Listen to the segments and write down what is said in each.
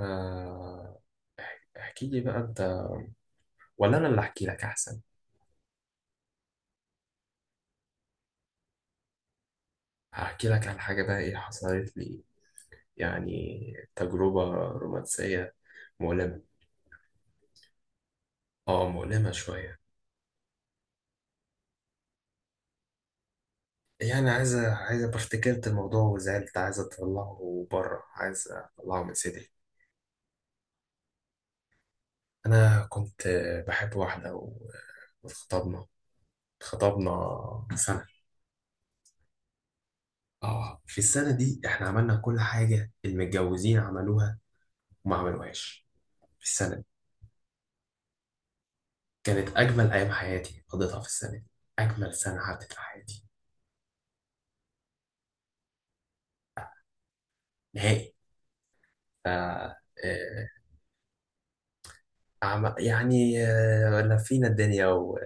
آه، احكي لي بقى انت ولا انا اللي احكي لك احسن. هحكي لك على حاجه بقى ايه حصلت لي، يعني تجربه رومانسيه مؤلمه. اه، مؤلمه شويه. يعني عايزه افتكرت الموضوع وزعلت، عايزه اطلعه بره، عايزه اطلعه من صدري. انا كنت بحب واحده واتخطبنا. اتخطبنا سنه. اه، في السنه دي احنا عملنا كل حاجه المتجوزين عملوها وما عملوهاش. في السنه كانت أجمل أيام حياتي قضيتها في السنة دي، أجمل سنة عدت في حياتي. نهائي. ف آه، لفينا الدنيا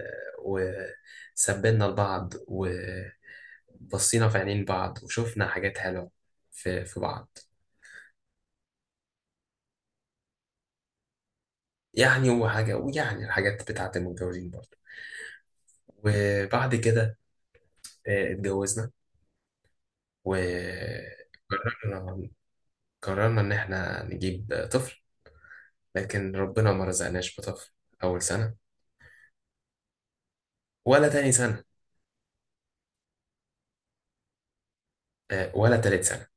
وسبنا لبعض وبصينا في عينين بعض وشفنا حاجات حلوة في بعض. يعني وحاجة، ويعني الحاجات بتاعت المتجوزين برضه. وبعد كده اتجوزنا وقررنا. قررنا إن إحنا نجيب طفل، لكن ربنا ما رزقناش بطفل أول سنة، ولا تاني سنة، ولا تالت سنة.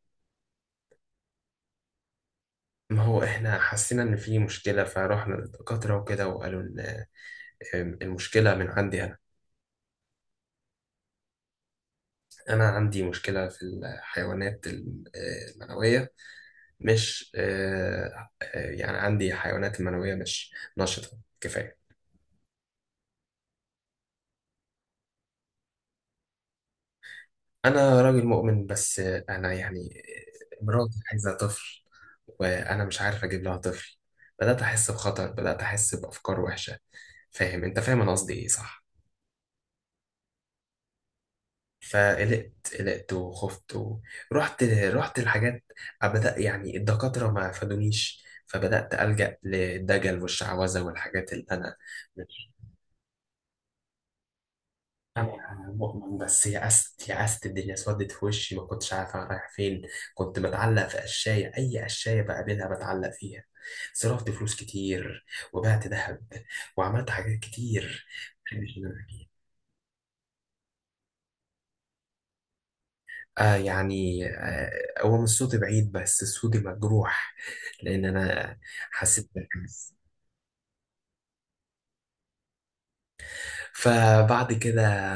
ما هو احنا حسينا ان في مشكلة فروحنا للدكاترة وكده، وقالوا ان المشكلة من عندي انا. انا عندي مشكلة في الحيوانات المنوية. مش آه، آه، يعني عندي حيوانات المنوية مش نشطة كفاية. انا راجل مؤمن، بس انا يعني مراتي عايزة طفل وانا مش عارف اجيب لها طفل. بدأت احس بخطر، بدأت احس بافكار وحشة. فاهم انت، فاهم انا قصدي ايه، صح؟ فقلقت. قلقت وخفت. ورحت الحاجات. بدأ يعني الدكاترة ما فادونيش، فبدأت ألجأ للدجل والشعوذة والحاجات اللي أنا. مش، أنا مؤمن، بس يأست. يأست، الدنيا سودت في وشي، ما كنتش عارف أنا رايح فين. كنت بتعلق في قشاية، أي قشاية بقابلها بتعلق فيها. صرفت فلوس كتير، وبعت ذهب، وعملت حاجات كتير. مش، آه يعني آه، هو مش صوتي بعيد بس صوتي مجروح، لأن أنا حسيت بالحمس. فبعد كده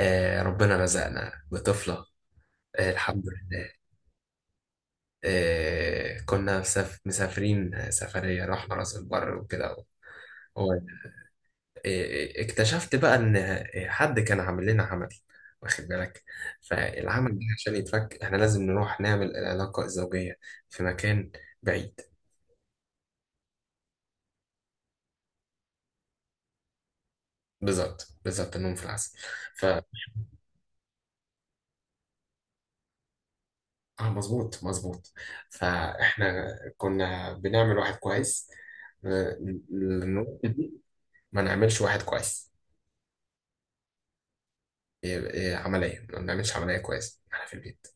آه، ربنا رزقنا بطفلة. آه، الحمد لله. آه، كنا مسافرين سفرية، رحنا راس البر وكده. هو- آه اكتشفت بقى إن حد كان عامل لنا عمل، واخد بالك. فالعمل ده عشان يتفك احنا لازم نروح نعمل العلاقة الزوجية في مكان بعيد. بالظبط، بالظبط، النوم في العسل. ف اه، مظبوط مظبوط. فاحنا كنا بنعمل واحد كويس. آه، النقطة دي ما نعملش واحد كويس. إيه- إيه، عملية، ما بنعملش عملية كويس احنا في البيت.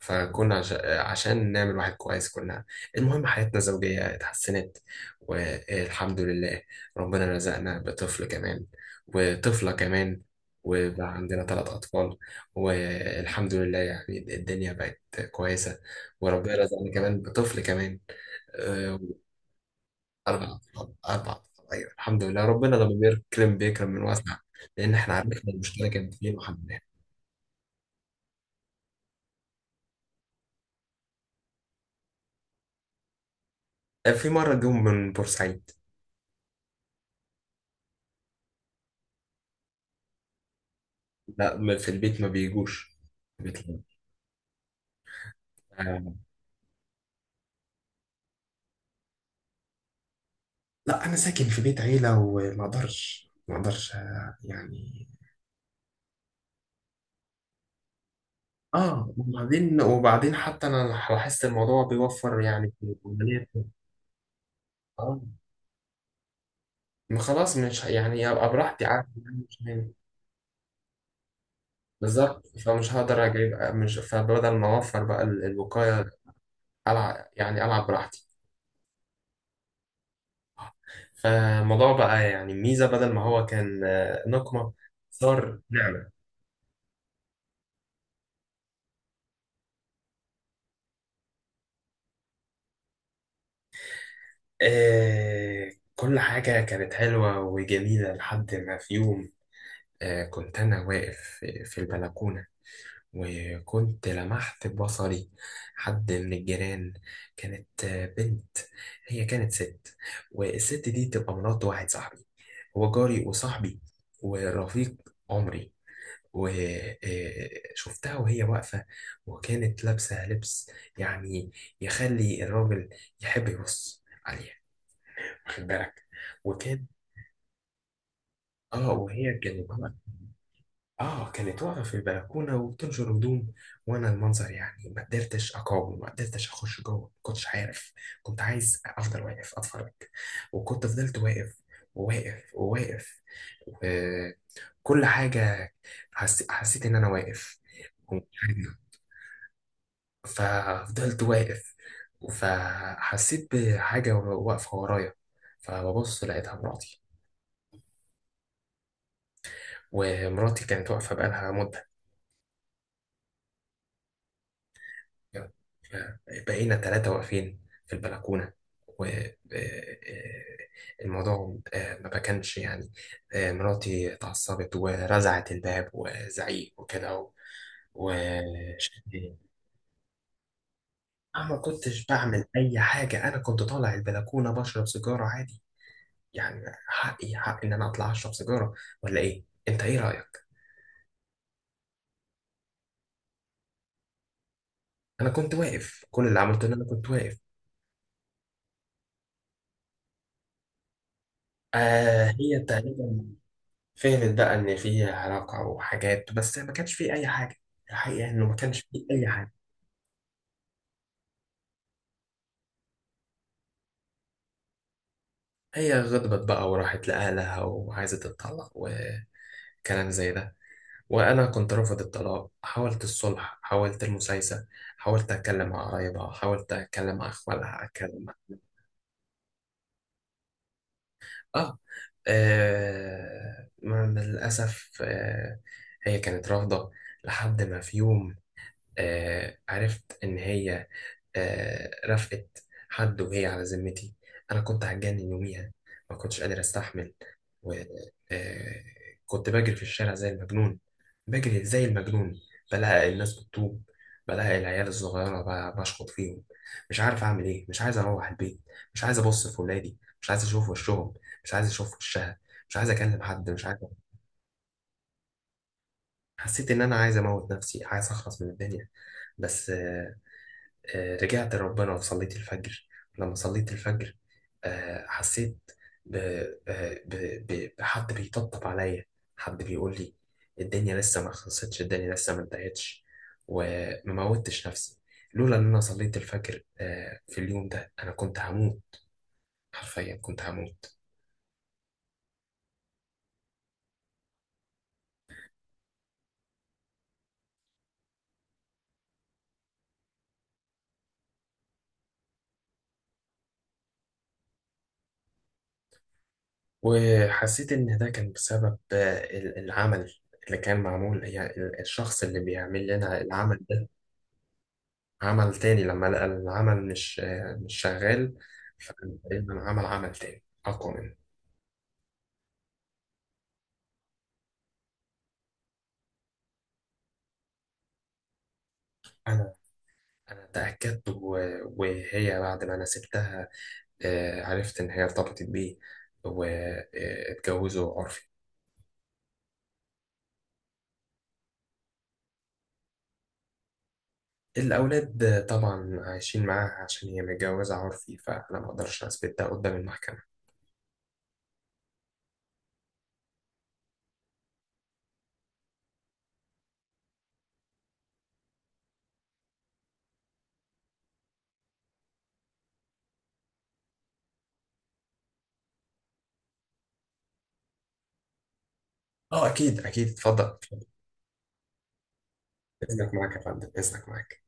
فكنا عشان نعمل واحد كويس كنا. المهم، حياتنا الزوجية اتحسنت والحمد لله. ربنا رزقنا بطفل كمان وطفلة كمان، وبقى عندنا ثلاث أطفال والحمد لله. يعني الدنيا بقت كويسة. وربنا رزقنا كمان بطفل كمان. آه، أربع أطفال، أربع أطفال، أيوة الحمد لله. ربنا لما بيكرم بيكرم من واسع. لأن إحنا عرفنا المشكلة كانت فين وحليناها. في مرة جم من بورسعيد. لا ما- في البيت ما بيجوش. بيت لا. آه، لا، انا ساكن في بيت عيله وما اقدرش، ما اقدرش. يعني اه. وبعدين حتى انا لاحظت الموضوع بيوفر يعني في العمليات. اه، ما خلاص مش ه- يعني ابقى براحتي عارف إن أنا مش هاي-. بالظبط، فمش هقدر اجيب، مش، فبدل ما اوفر بقى الوقايه، العب يعني، العب براحتي. فالموضوع بقى يعني ميزه بدل ما هو كان نقمه، صار نعمه. آه، كل حاجة كانت حلوة وجميلة لحد ما في يوم آه، كنت أنا واقف في البلكونة، وكنت لمحت ببصري حد من الجيران. كانت بنت، هي كانت ست. والست دي تبقى مرات واحد صاحبي، هو جاري وصاحبي ورفيق عمري. وشفتها وهي واقفة، وكانت لابسة لبس يعني يخلي الراجل يحب يبص عليها، واخد بالك. وكان اه، وهي كانت اه كانت واقفه في البلكونه وبتنشر هدوم. وانا المنظر يعني ما قدرتش اقاوم، ما قدرتش اخش جوه، ما كنتش عارف. كنت عايز افضل واقف اتفرج، وكنت فضلت واقف، وواقف. وكل حاجه، حسيت ان انا واقف ومش عارف. ففضلت واقف. فحسيت بحاجه واقفه ورايا، فببص لقيتها مراتي. ومراتي كانت واقفة بقالها مدة. بقينا ثلاثة واقفين في البلكونة. والموضوع ما كانش يعني، مراتي اتعصبت ورزعت الباب وزعيق وكده وشتي. أنا ما كنتش بعمل أي حاجة، أنا كنت طالع البلكونة بشرب سيجارة عادي. يعني حقي، حق إن أنا أطلع أشرب سيجارة، ولا إيه؟ أنت إيه رأيك؟ أنا كنت واقف، كل اللي عملته إن أنا كنت واقف. آه، هي تقريبا فهمت بقى ان في علاقة وحاجات، بس ما كانش في اي حاجة. الحقيقة انه ما كانش في اي حاجة. هي غضبت بقى وراحت لأهلها وعايزة تتطلق وكلام زي ده. وأنا كنت رافض الطلاق، حاولت الصلح، حاولت المسايسة، حاولت أتكلم مع قرايبها، حاولت أتكلم مع أخوالها، أتكلم مع آه, للأسف آه. هي كانت رافضة. لحد ما في يوم آه، عرفت إن هي آه، رفقت حد وهي على ذمتي. أنا كنت هتجنن يوميها، ما كنتش قادر أستحمل. و آه كنت بجري في الشارع زي المجنون، بجري زي المجنون، بلاقي الناس بتطوب، بلاقي العيال الصغيرة بشخط فيهم. مش عارف أعمل إيه، مش عايز أروح البيت، مش عايز أبص في ولادي، مش عايز أشوف وشهم، مش عايز أشوف وشها، مش عايز أكلم حد، مش عارف. حسيت إن أنا عايز أموت نفسي، عايز أخلص من الدنيا. بس رجعت لربنا وصليت الفجر. لما صليت الفجر حسيت ب... آه، ب... ب... بحد بيطبطب عليا، حد بيقول لي الدنيا لسه ما خلصتش، الدنيا لسه ما انتهتش. وما موتش نفسي، لولا ان انا صليت الفجر في اليوم ده انا كنت هموت، حرفيا كنت هموت. وحسيت ان ده كان بسبب العمل اللي كان معمول. يعني الشخص اللي بيعمل لنا العمل ده عمل تاني لما لقى العمل مش شغال. فإنما عمل عمل تاني أقوى منه. أنا أنا تأكدت وهي بعد ما أنا سبتها عرفت إن هي ارتبطت بيه واتجوزوا عرفي. الأولاد طبعا عايشين معاها، عشان هي متجوزة عرفي فأنا ما أقدرش أثبت ده قدام المحكمة. أه، أكيد أكيد، اتفضل اتفضل. إذنك معاك يا فندم، إذنك معاك.